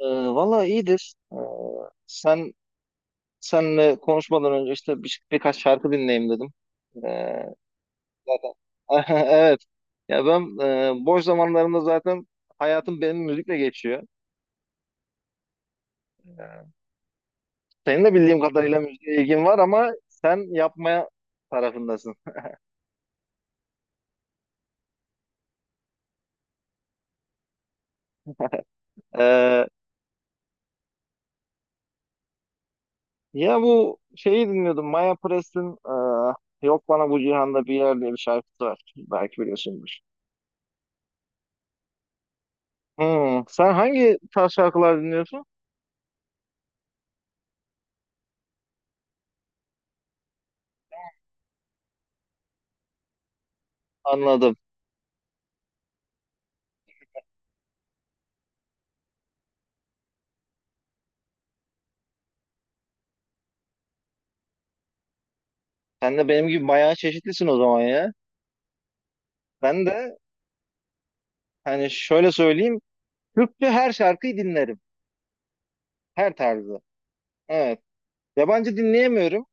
Ee, valla iyidir. Sen senle konuşmadan önce işte birkaç şarkı dinleyeyim dedim. Ee, zaten, evet. Ya ben boş zamanlarımda zaten hayatım benim müzikle geçiyor. Senin de bildiğim kadarıyla müziğe ilgin var ama sen yapmaya tarafındasın. Ee, ya bu şeyi dinliyordum. Maya Press'in Yok Bana Bu Cihanda Bir Yer diye bir şarkısı var. Belki biliyorsundur. Sen hangi tarz şarkılar dinliyorsun? Anladım. Sen de benim gibi bayağı çeşitlisin o zaman ya. Ben de hani şöyle söyleyeyim. Türkçe her şarkıyı dinlerim. Her tarzı. Evet. Yabancı dinleyemiyorum.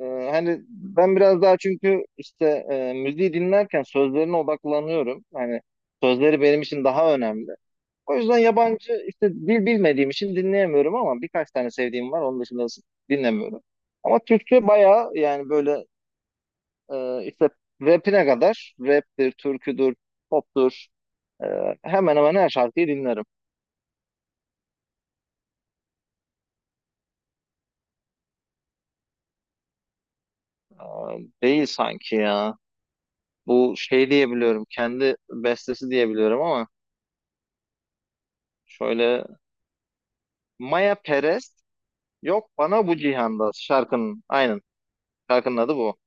Ee, hani ben biraz daha çünkü işte müziği dinlerken sözlerine odaklanıyorum. Hani sözleri benim için daha önemli. O yüzden yabancı işte dil bilmediğim için dinleyemiyorum ama birkaç tane sevdiğim var. Onun dışında dinlemiyorum. Ama Türkçe bayağı yani böyle işte rapine kadar raptir, türküdür, poptur. Hemen hemen her şarkıyı dinlerim. Değil sanki ya. Bu şey diyebiliyorum. Kendi bestesi diyebiliyorum ama şöyle, Maya Perez, yok bana bu cihanda şarkının, aynen, şarkının adı bu.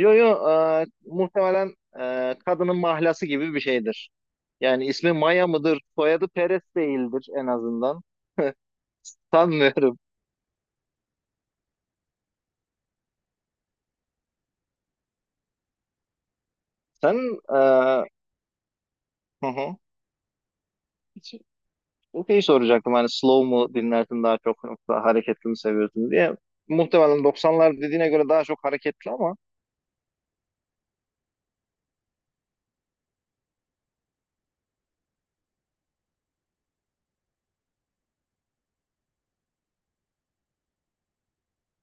Yo yo, muhtemelen kadının mahlası gibi bir şeydir. Yani ismi Maya mıdır? Soyadı Perez değildir en azından. Sanmıyorum. Sen e, hı hı. Şeyi soracaktım hani slow mu dinlersin daha çok yoksa hareketli mi seviyorsun diye. Muhtemelen 90'lar dediğine göre daha çok hareketli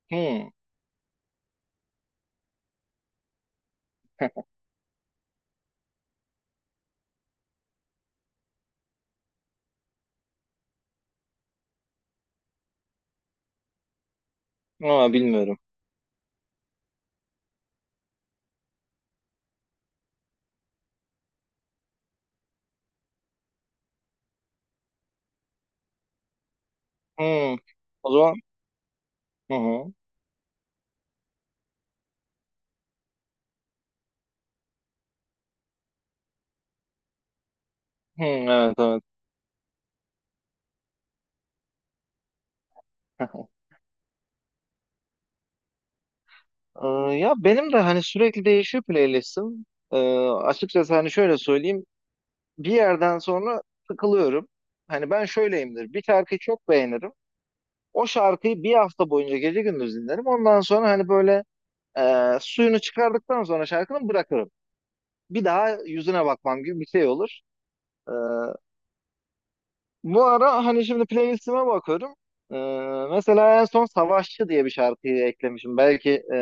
hmm, ama bilmiyorum. Hmm. O zaman, hı hı. Hmm, evet, evet. Ee, ya benim de hani sürekli değişiyor playlistim. Ee, açıkçası hani şöyle söyleyeyim. Bir yerden sonra sıkılıyorum. Hani ben şöyleyimdir. Bir şarkıyı çok beğenirim. O şarkıyı bir hafta boyunca gece gündüz dinlerim. Ondan sonra hani böyle suyunu çıkardıktan sonra şarkının bırakırım. Bir daha yüzüne bakmam gibi bir şey olur. Ee, bu ara hani şimdi playlistime bakıyorum. Ee, mesela en son Savaşçı diye bir şarkıyı eklemişim. Belki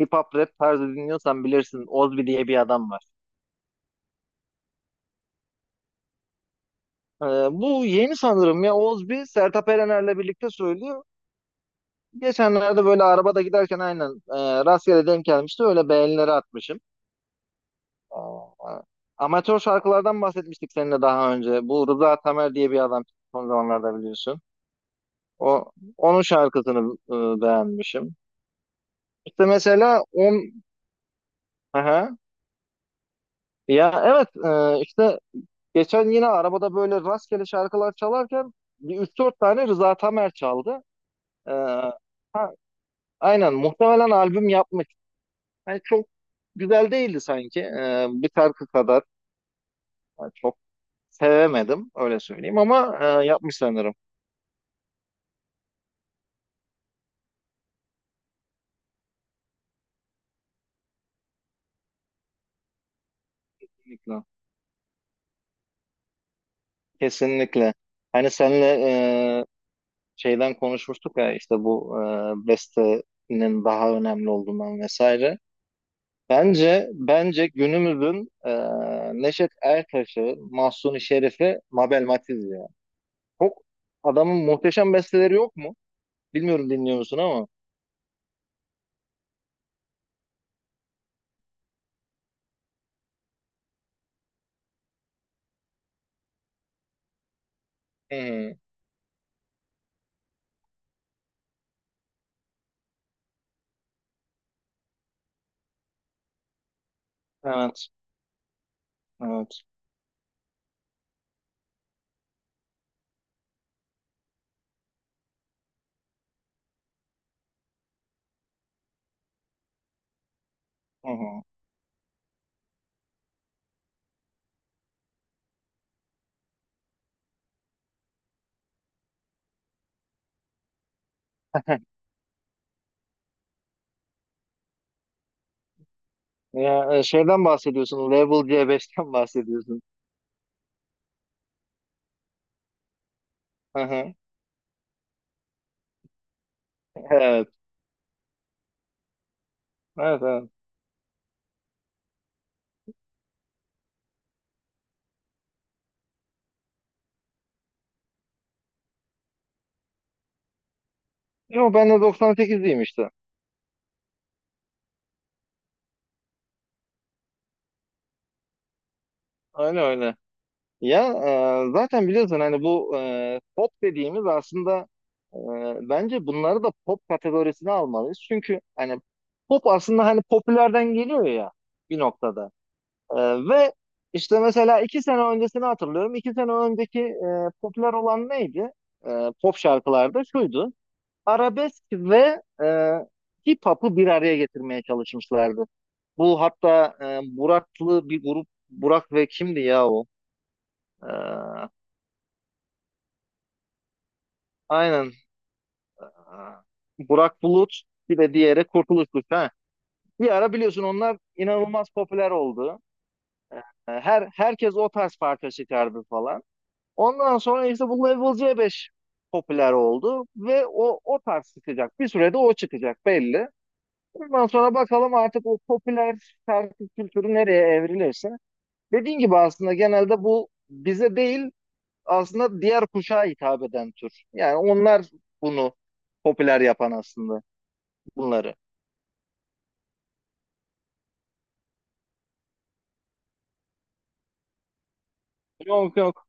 hip hop rap tarzı dinliyorsan bilirsin. Ozbi diye bir adam var. Ee, bu yeni sanırım, ya Ozbi Sertab Erener'le birlikte söylüyor. Geçenlerde böyle arabada giderken aynen rastgele denk gelmişti. Öyle beğenileri atmışım. Aa, amatör şarkılardan bahsetmiştik seninle daha önce. Bu Rıza Tamer diye bir adam son zamanlarda biliyorsun. O onun şarkısını beğenmişim. İşte mesela on. Aha. Ya evet, işte geçen yine arabada böyle rastgele şarkılar çalarken bir üç dört tane Rıza Tamer çaldı. E, ha, aynen muhtemelen albüm yapmış. Yani çok güzel değildi sanki. Bir şarkı kadar yani çok sevemedim öyle söyleyeyim ama yapmış sanırım. Kesinlikle. Kesinlikle. Hani senle e, şeyden konuşmuştuk ya işte bu bestenin daha önemli olduğundan vesaire. Bence günümüzün Neşet Ertaş'ı, Mahsuni Şerif'i, Mabel Matiz ya. Çok adamın muhteşem besteleri yok mu? Bilmiyorum dinliyor musun ama. Hı hı. Evet, evet. Hı hı. Ya, şeyden bahsediyorsun, Level C5'ten bahsediyorsun. Hı hı. Evet, evet, evet. Yok, ben de 98'liyim işte. Öyle öyle. Ya zaten biliyorsun hani bu pop dediğimiz aslında, e, bence bunları da pop kategorisine almalıyız. Çünkü hani pop aslında hani popülerden geliyor ya bir noktada. E, ve işte mesela 2 sene öncesini hatırlıyorum. 2 sene önceki popüler olan neydi? Pop şarkılarda şuydu. Arabesk ve hip hop'u bir araya getirmeye çalışmışlardı. Bu hatta Burak'lı bir grup, Burak ve kimdi ya o? E, Aynen. Burak Bulut, bir de diğeri Kurtuluş Kuşu. Ha. Bir ara biliyorsun onlar inanılmaz popüler oldu. Ee, herkes o tarz parça çıkardı falan. Ondan sonra işte bu Level C5 popüler oldu ve o tarz çıkacak. Bir sürede o çıkacak belli. Ondan sonra bakalım artık o popüler şarkı kültürü nereye evrilirse. Dediğin gibi aslında genelde bu bize değil, aslında diğer kuşağa hitap eden tür. Yani onlar bunu popüler yapan aslında, bunları. Yok yok.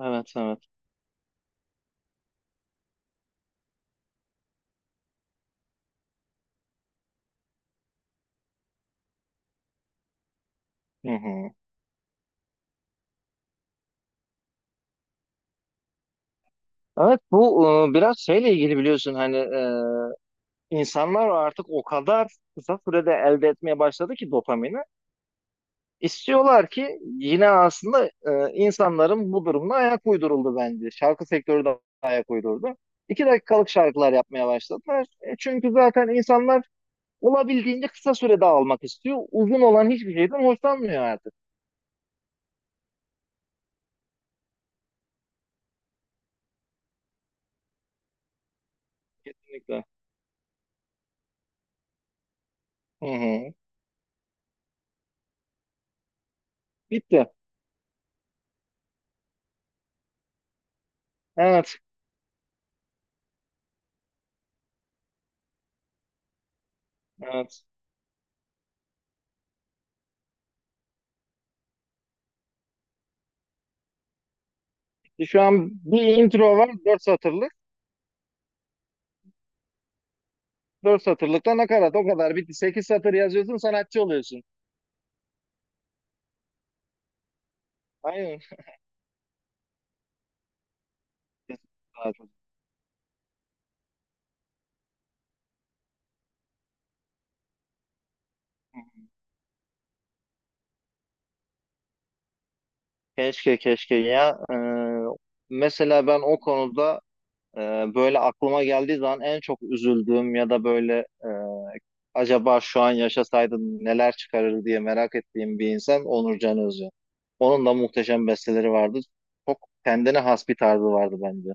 Evet evet. Hı hı. Evet bu biraz şeyle ilgili biliyorsun hani, insanlar artık o kadar kısa sürede elde etmeye başladı ki dopamini. İstiyorlar ki yine aslında insanların bu durumuna ayak uyduruldu bence. Şarkı sektörü de ayak uydurdu. 2 dakikalık şarkılar yapmaya başladılar. Çünkü zaten insanlar olabildiğince kısa sürede almak istiyor. Uzun olan hiçbir şeyden hoşlanmıyor artık. Kesinlikle. Hı hı. Bitti. Evet. Evet. Şu an bir intro var 4 satırlık. 4 satırlıkta nakarat o kadar bitti. 8 satır yazıyorsun sanatçı oluyorsun. Aynen. Keşke keşke ya. Mesela ben o konuda e, böyle aklıma geldiği zaman en çok üzüldüğüm ya da böyle e, acaba şu an yaşasaydım neler çıkarır diye merak ettiğim bir insan Onur Can Özcan. Onun da muhteşem besteleri vardı. Çok kendine has bir tarzı vardı bence.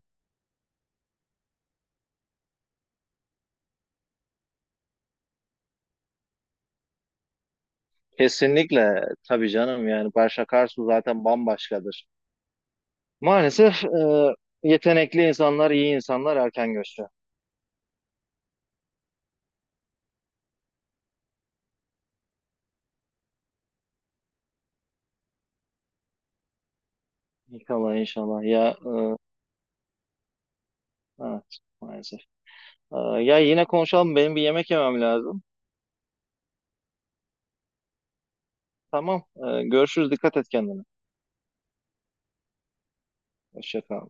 Kesinlikle tabii canım, yani Barış Akarsu zaten bambaşkadır. Maalesef yetenekli insanlar, iyi insanlar erken göçüyor. İnşallah inşallah ya, evet maalesef. E, ya yine konuşalım, benim bir yemek yemem lazım. Tamam, görüşürüz, dikkat et kendine. Hoşça kal.